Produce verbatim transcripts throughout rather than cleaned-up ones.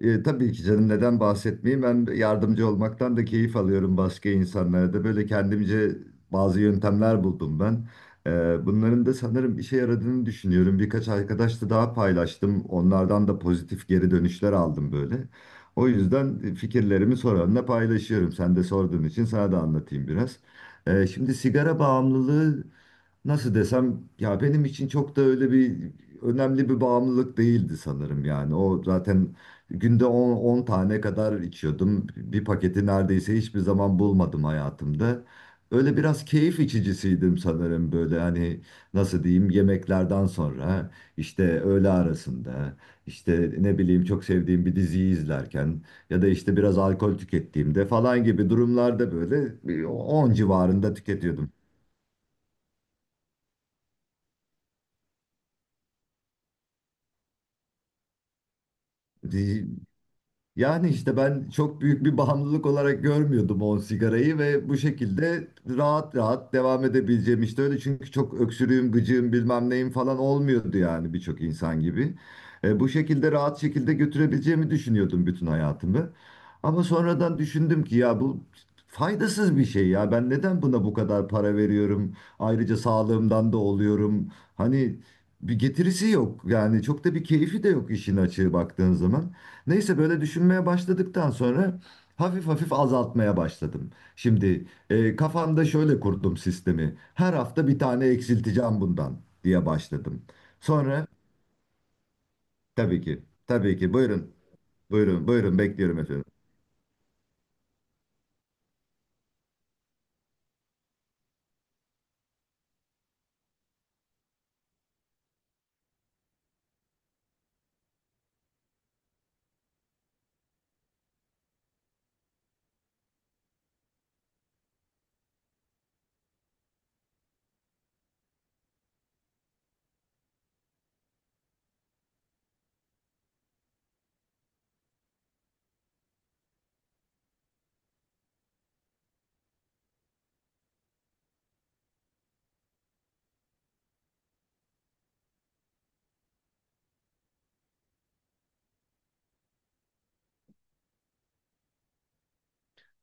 E, tabii ki canım, neden bahsetmeyeyim? Ben yardımcı olmaktan da keyif alıyorum, başka insanlara da. Böyle kendimce bazı yöntemler buldum ben. E, bunların da sanırım işe yaradığını düşünüyorum. Birkaç arkadaşla daha paylaştım. Onlardan da pozitif geri dönüşler aldım böyle. O yüzden fikirlerimi soranla paylaşıyorum. Sen de sorduğun için sana da anlatayım biraz. E, şimdi sigara bağımlılığı nasıl desem ya, benim için çok da öyle bir önemli bir bağımlılık değildi sanırım yani. O zaten günde on, on tane kadar içiyordum. Bir paketi neredeyse hiçbir zaman bulmadım hayatımda. Öyle biraz keyif içicisiydim sanırım, böyle hani nasıl diyeyim, yemeklerden sonra, işte öğle arasında, işte ne bileyim, çok sevdiğim bir diziyi izlerken ya da işte biraz alkol tükettiğimde falan gibi durumlarda böyle bir on civarında tüketiyordum. Yani işte ben çok büyük bir bağımlılık olarak görmüyordum o sigarayı ve bu şekilde rahat rahat devam edebileceğim, işte öyle, çünkü çok öksürüğüm, gıcığım, bilmem neyim falan olmuyordu yani birçok insan gibi. E, bu şekilde rahat şekilde götürebileceğimi düşünüyordum bütün hayatımı. Ama sonradan düşündüm ki ya bu faydasız bir şey, ya ben neden buna bu kadar para veriyorum? Ayrıca sağlığımdan da oluyorum. Hani bir getirisi yok yani, çok da bir keyfi de yok işin açığı, baktığın zaman. Neyse böyle düşünmeye başladıktan sonra hafif hafif azaltmaya başladım. Şimdi e, kafamda şöyle kurdum sistemi. Her hafta bir tane eksilteceğim bundan diye başladım. Sonra tabii ki, tabii ki, buyurun, buyurun, buyurun, bekliyorum efendim.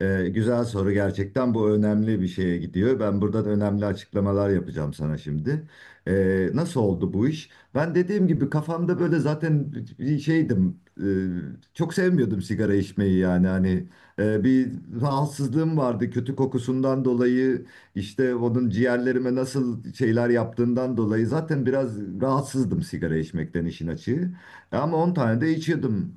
Ee, güzel soru gerçekten, bu önemli bir şeye gidiyor. Ben buradan önemli açıklamalar yapacağım sana şimdi. Ee, nasıl oldu bu iş? Ben dediğim gibi kafamda böyle zaten bir şeydim. Ee, çok sevmiyordum sigara içmeyi yani, hani e, bir rahatsızlığım vardı kötü kokusundan dolayı, işte onun ciğerlerime nasıl şeyler yaptığından dolayı zaten biraz rahatsızdım sigara içmekten işin açığı. Ama on tane de içiyordum.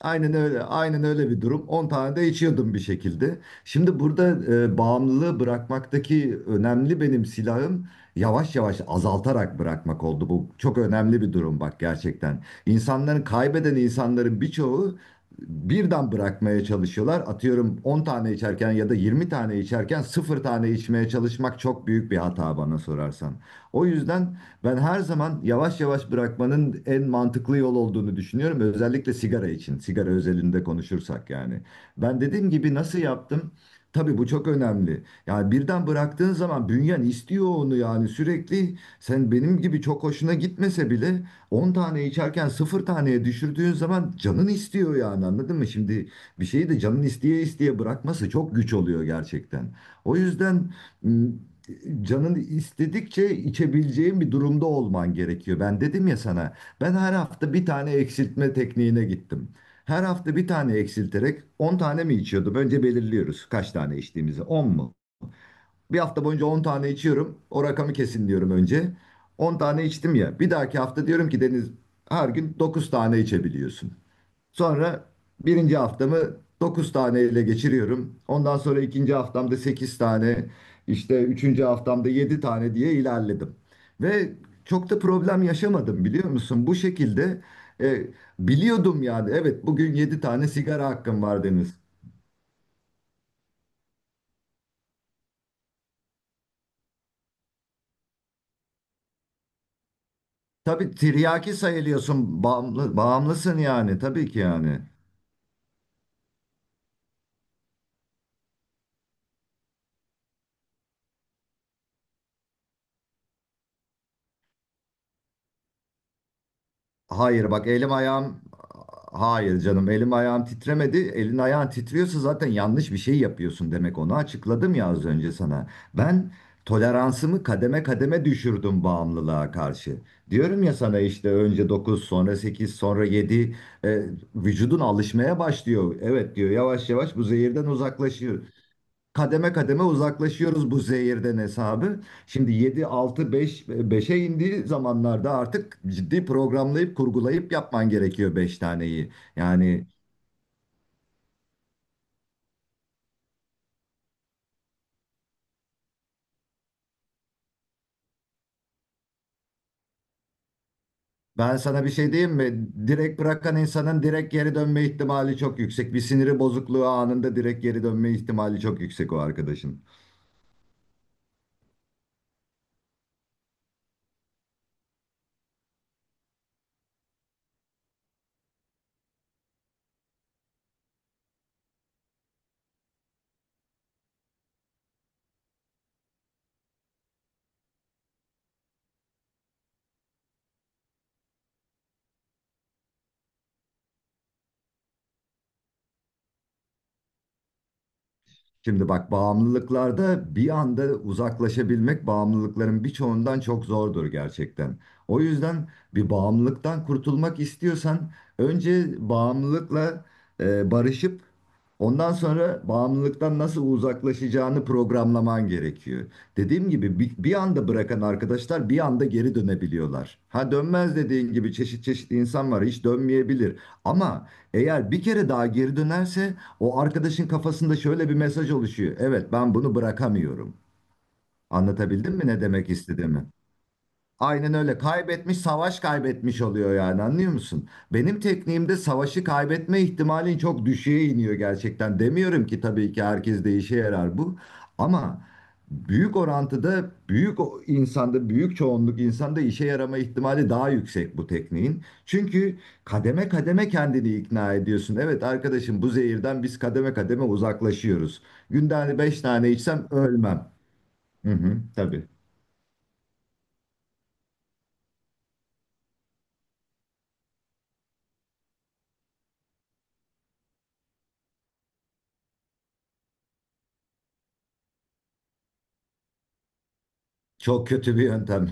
Aynen öyle. Aynen öyle bir durum. On tane de içiyordum bir şekilde. Şimdi burada e, bağımlılığı bırakmaktaki önemli benim silahım yavaş yavaş azaltarak bırakmak oldu. Bu çok önemli bir durum bak, gerçekten. İnsanların kaybeden insanların birçoğu birden bırakmaya çalışıyorlar. Atıyorum on tane içerken ya da yirmi tane içerken sıfır tane içmeye çalışmak çok büyük bir hata bana sorarsan. O yüzden ben her zaman yavaş yavaş bırakmanın en mantıklı yol olduğunu düşünüyorum. Özellikle sigara için, sigara özelinde konuşursak yani. Ben dediğim gibi, nasıl yaptım? Tabii bu çok önemli. Yani birden bıraktığın zaman bünyen istiyor onu yani sürekli. Sen benim gibi çok hoşuna gitmese bile on tane içerken sıfır taneye düşürdüğün zaman canın istiyor yani, anladın mı? Şimdi bir şeyi de canın isteye isteye bırakması çok güç oluyor gerçekten. O yüzden m, canın istedikçe içebileceğin bir durumda olman gerekiyor. Ben dedim ya sana, ben her hafta bir tane eksiltme tekniğine gittim. Her hafta bir tane eksilterek on tane mi içiyordum? Önce belirliyoruz kaç tane içtiğimizi. on mu? Bir hafta boyunca on tane içiyorum. O rakamı kesin diyorum önce. on tane içtim ya. Bir dahaki hafta diyorum ki Deniz, her gün dokuz tane içebiliyorsun. Sonra birinci haftamı dokuz tane ile geçiriyorum. Ondan sonra ikinci haftamda sekiz tane, işte üçüncü haftamda yedi tane diye ilerledim. Ve çok da problem yaşamadım, biliyor musun? Bu şekilde e, biliyordum yani. Evet, bugün yedi tane sigara hakkım var Deniz. Tabii tiryaki sayılıyorsun, bağımlı, bağımlısın yani, tabii ki yani. Hayır bak, elim ayağım, hayır canım, elim ayağım titremedi. Elin ayağın titriyorsa zaten yanlış bir şey yapıyorsun demek, onu açıkladım ya az önce sana. Ben toleransımı kademe kademe düşürdüm bağımlılığa karşı. Diyorum ya sana işte önce dokuz, sonra sekiz, sonra yedi, e, vücudun alışmaya başlıyor. Evet diyor, yavaş yavaş bu zehirden uzaklaşıyor, kademe kademe uzaklaşıyoruz bu zehirden hesabı. Şimdi yedi altı beş, beşe indiği zamanlarda artık ciddi programlayıp kurgulayıp yapman gerekiyor beş taneyi. Yani ben sana bir şey diyeyim mi? Direkt bırakan insanın direkt geri dönme ihtimali çok yüksek. Bir siniri bozukluğu anında direkt geri dönme ihtimali çok yüksek o arkadaşın. Şimdi bak bağımlılıklarda bir anda uzaklaşabilmek bağımlılıkların birçoğundan çok zordur gerçekten. O yüzden bir bağımlılıktan kurtulmak istiyorsan önce bağımlılıkla e, barışıp ondan sonra bağımlılıktan nasıl uzaklaşacağını programlaman gerekiyor. Dediğim gibi bir, bir anda bırakan arkadaşlar bir anda geri dönebiliyorlar. Ha, dönmez dediğin gibi, çeşit çeşit insan var, hiç dönmeyebilir. Ama eğer bir kere daha geri dönerse o arkadaşın kafasında şöyle bir mesaj oluşuyor: evet, ben bunu bırakamıyorum. Anlatabildim mi ne demek istediğimi? Aynen öyle. Kaybetmiş, savaş kaybetmiş oluyor yani, anlıyor musun? Benim tekniğimde savaşı kaybetme ihtimalin çok düşüğe iniyor gerçekten. Demiyorum ki tabii ki herkes de işe yarar bu. Ama büyük orantıda büyük o- insanda, büyük çoğunluk insanda işe yarama ihtimali daha yüksek bu tekniğin. Çünkü kademe kademe kendini ikna ediyorsun. Evet arkadaşım, bu zehirden biz kademe kademe uzaklaşıyoruz. Günde hani beş tane içsem ölmem. Hı hı, tabii. Çok kötü bir yöntem.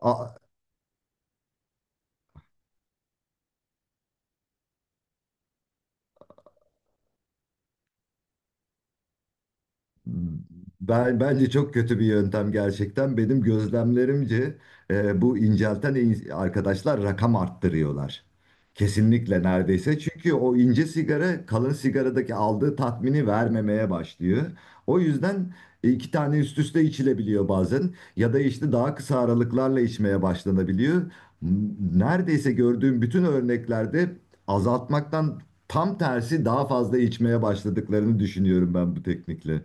A- Ben bence çok kötü bir yöntem gerçekten. Benim gözlemlerimce e, bu incelten in- arkadaşlar rakam arttırıyorlar. Kesinlikle neredeyse. Çünkü o ince sigara kalın sigaradaki aldığı tatmini vermemeye başlıyor. O yüzden iki tane üst üste içilebiliyor bazen ya da işte daha kısa aralıklarla içmeye başlanabiliyor. Neredeyse gördüğüm bütün örneklerde azaltmaktan tam tersi daha fazla içmeye başladıklarını düşünüyorum ben bu teknikle.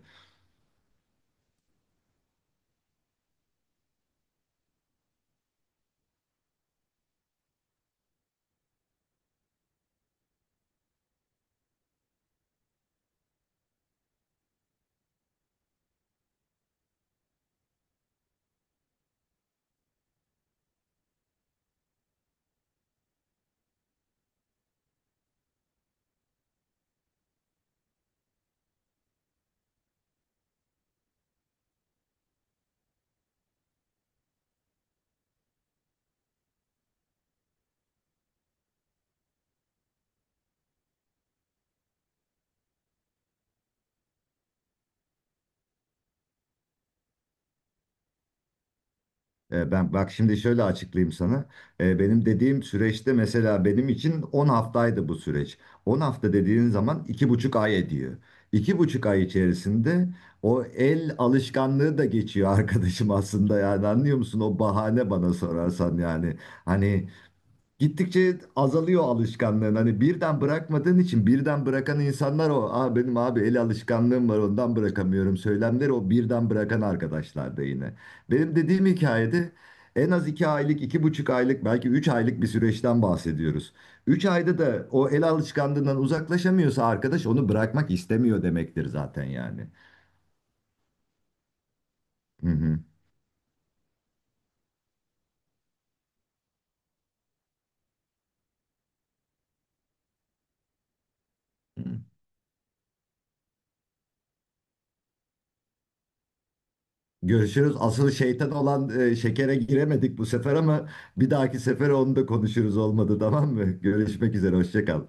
E, Ben bak şimdi şöyle açıklayayım sana. E, Benim dediğim süreçte mesela benim için on haftaydı bu süreç. On hafta dediğin zaman iki buçuk ay ediyor. iki buçuk ay içerisinde o el alışkanlığı da geçiyor arkadaşım aslında, yani anlıyor musun? O bahane bana sorarsan yani. Hani gittikçe azalıyor alışkanlığın. Hani birden bırakmadığın için, birden bırakan insanlar o. Aa, benim abi el alışkanlığım var, ondan bırakamıyorum. Söylemleri o birden bırakan arkadaşlar da yine. Benim dediğim hikayede en az iki aylık, iki buçuk aylık, belki üç aylık bir süreçten bahsediyoruz. Üç ayda da o el alışkanlığından uzaklaşamıyorsa arkadaş onu bırakmak istemiyor demektir zaten yani. Hı hı. Görüşürüz. Asıl şeytan olan e, şekere giremedik bu sefer ama bir dahaki sefere onu da konuşuruz olmadı, tamam mı? Görüşmek üzere. Hoşça kal.